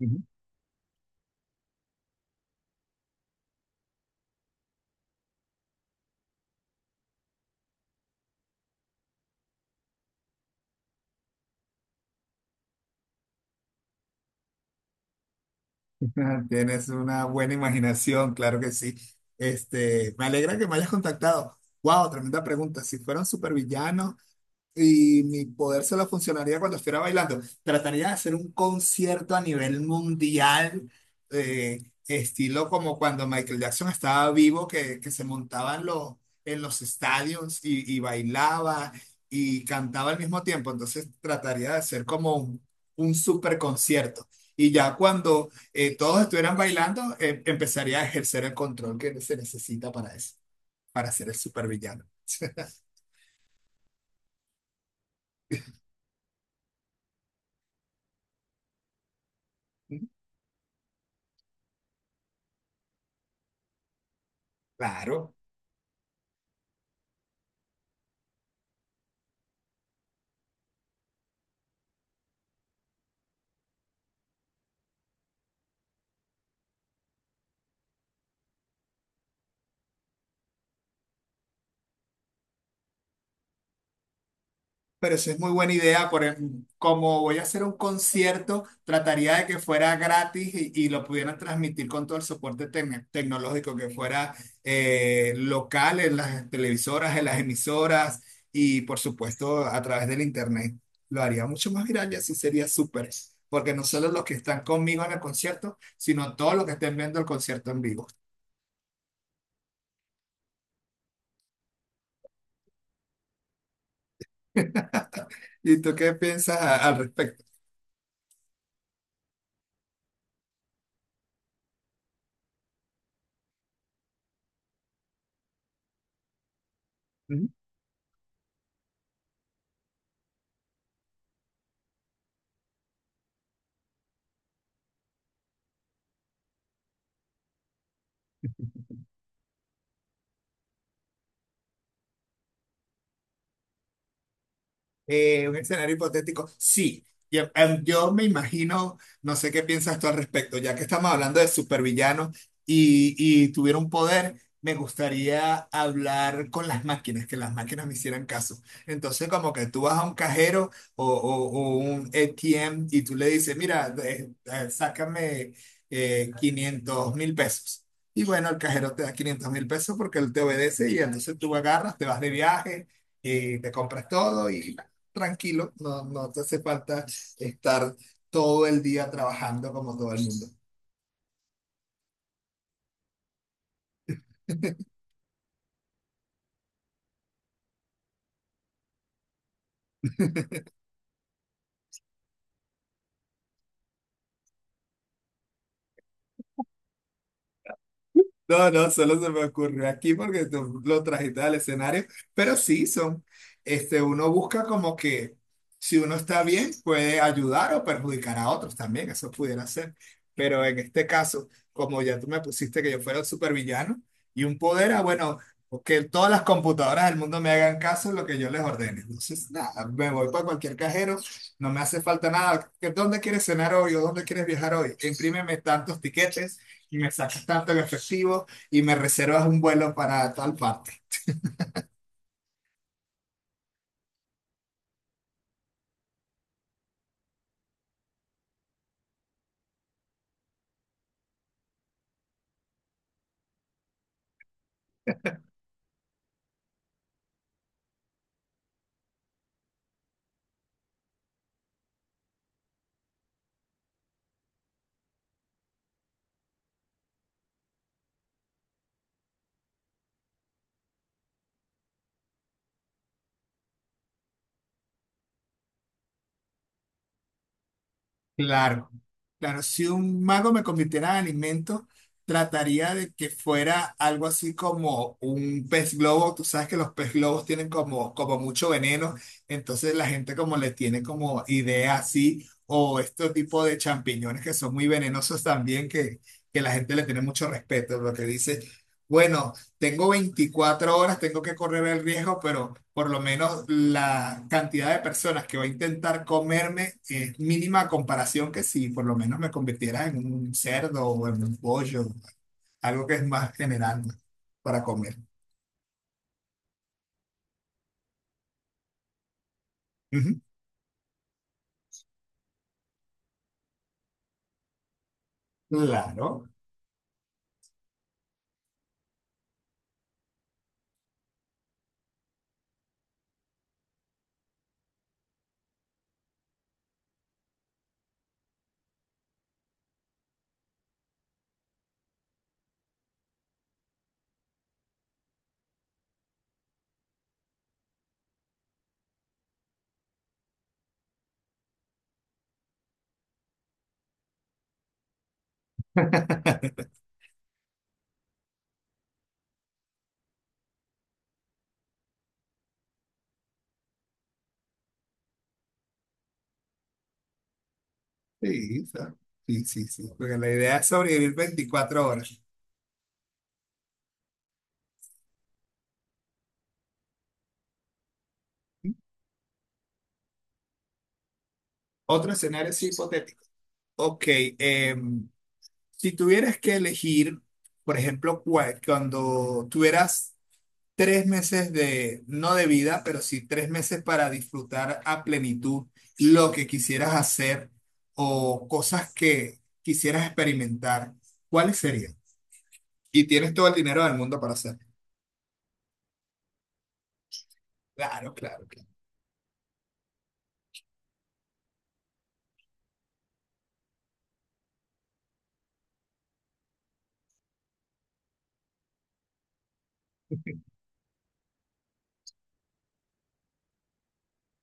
Ujú. Tienes una buena imaginación, claro que sí. Este, me alegra que me hayas contactado. Wow, tremenda pregunta. Si fueran supervillanos, y mi poder se solo funcionaría cuando estuviera bailando. Trataría de hacer un concierto a nivel mundial, estilo como cuando Michael Jackson estaba vivo, que se montaban en los estadios y bailaba y cantaba al mismo tiempo. Entonces trataría de hacer como un super concierto. Y ya cuando todos estuvieran bailando, empezaría a ejercer el control que se necesita para eso, para ser el supervillano. Claro. Pero eso es muy buena idea, por ejemplo, como voy a hacer un concierto, trataría de que fuera gratis y lo pudieran transmitir con todo el soporte tecnológico, que fuera local en las televisoras, en las emisoras y por supuesto a través del internet. Lo haría mucho más viral y así sería súper, porque no solo los que están conmigo en el concierto, sino todos los que estén viendo el concierto en vivo. ¿Y tú qué piensas al respecto? Un escenario hipotético, sí. Y, yo me imagino, no sé qué piensas tú al respecto, ya que estamos hablando de supervillanos y tuviera un poder, me gustaría hablar con las máquinas, que las máquinas me hicieran caso. Entonces, como que tú vas a un cajero o un ATM y tú le dices, mira, sácame 500 mil pesos. Y bueno, el cajero te da 500.000 pesos porque él te obedece y entonces tú agarras, te vas de viaje y te compras todo y tranquilo, no, no te hace falta estar todo el día trabajando como todo el mundo. No, no, solo se me ocurrió aquí porque tú lo trajiste al escenario, pero sí son, este, uno busca como que si uno está bien puede ayudar o perjudicar a otros también, eso pudiera ser, pero en este caso, como ya tú me pusiste que yo fuera un supervillano y un poder, ah, bueno, que todas las computadoras del mundo me hagan caso en lo que yo les ordene, entonces nada, me voy para cualquier cajero, no me hace falta nada. ¿Que dónde quieres cenar hoy o dónde quieres viajar hoy? Imprímeme tantos tiquetes y me sacas tanto en efectivo y me reservas un vuelo para tal parte. Claro, claro, si un mago me convirtiera en alimento, trataría de que fuera algo así como un pez globo. Tú sabes que los pez globos tienen como mucho veneno, entonces la gente como le tiene como idea así, o este tipo de champiñones que son muy venenosos también, que la gente le tiene mucho respeto, lo que dice. Bueno, tengo 24 horas, tengo que correr el riesgo, pero por lo menos la cantidad de personas que va a intentar comerme es mínima a comparación que si por lo menos me convirtiera en un cerdo o en un pollo, algo que es más general para comer. Ujú. Claro. Sí, sí, sí, sí, porque la idea es sobrevivir 24 horas. Otro escenario es hipotético. Ok, em, si tuvieras que elegir, por ejemplo, cuando tuvieras 3 meses de, no de vida, pero sí 3 meses para disfrutar a plenitud lo que quisieras hacer o cosas que quisieras experimentar, ¿cuáles serían? Y tienes todo el dinero del mundo para hacerlo. Claro, claro, claro.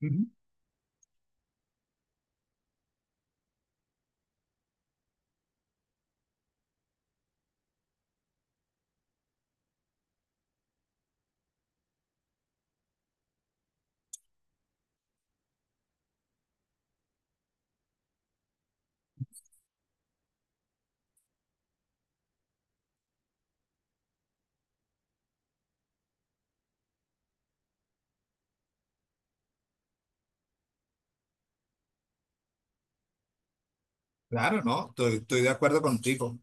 Claro, no, estoy, estoy de acuerdo contigo.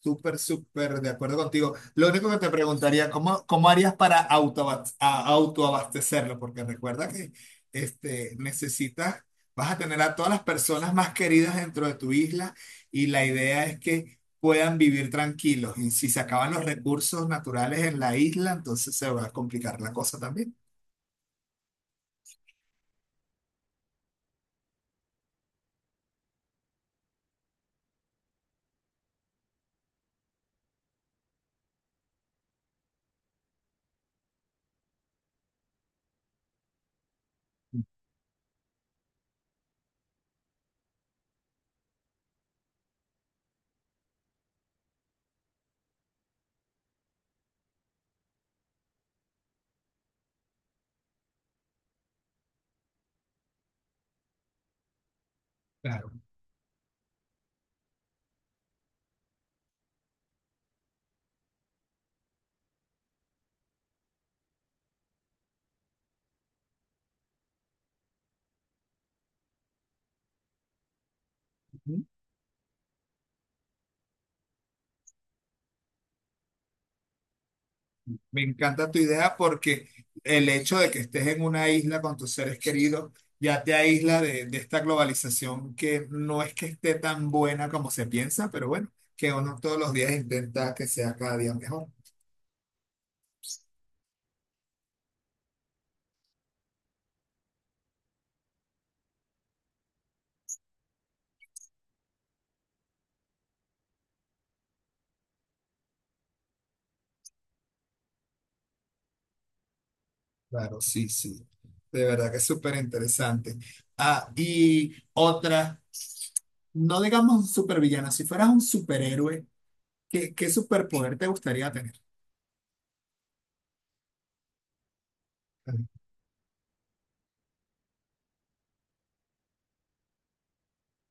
Súper, súper de acuerdo contigo. Lo único que te preguntaría, ¿cómo, cómo harías para autoabastecerlo? Porque recuerda que este, necesitas, vas a tener a todas las personas más queridas dentro de tu isla y la idea es que puedan vivir tranquilos. Y si se acaban los recursos naturales en la isla, entonces se va a complicar la cosa también. Claro. Me encanta tu idea porque el hecho de que estés en una isla con tus seres queridos ya te aísla de esta globalización que no es que esté tan buena como se piensa, pero bueno, que uno todos los días intenta que sea cada día mejor. Claro, sí, sí. De verdad que es súper interesante. Ah, y otra, no digamos supervillano, si fueras un superhéroe, ¿qué, qué superpoder te gustaría tener?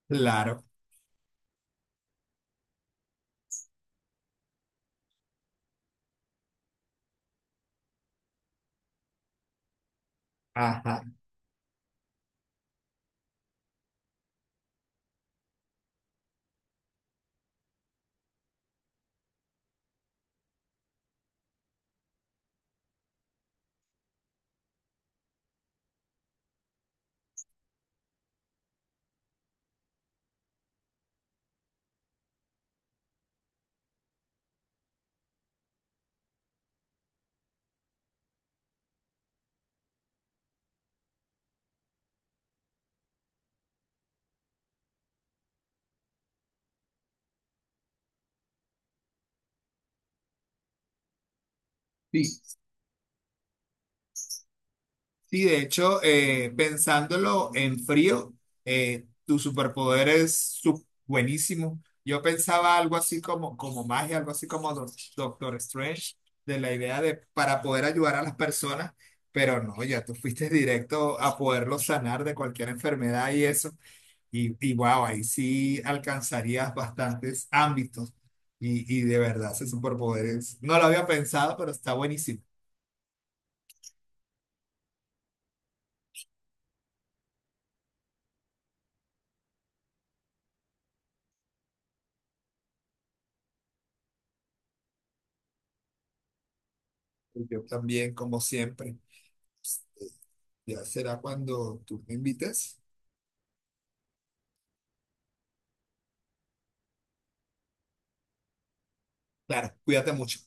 Claro, ajá. Sí. Sí, de hecho, pensándolo en frío, tu superpoder es buenísimo. Yo pensaba algo así como magia, algo así como Doctor Strange, de la idea de para poder ayudar a las personas, pero no, ya tú fuiste directo a poderlo sanar de cualquier enfermedad y eso. Y, wow, ahí sí alcanzarías bastantes ámbitos. Y de verdad, ese superpoder es, no lo había pensado, pero está buenísimo. Yo también, como siempre. Pues, ya será cuando tú me invites. Claro, cuídate mucho.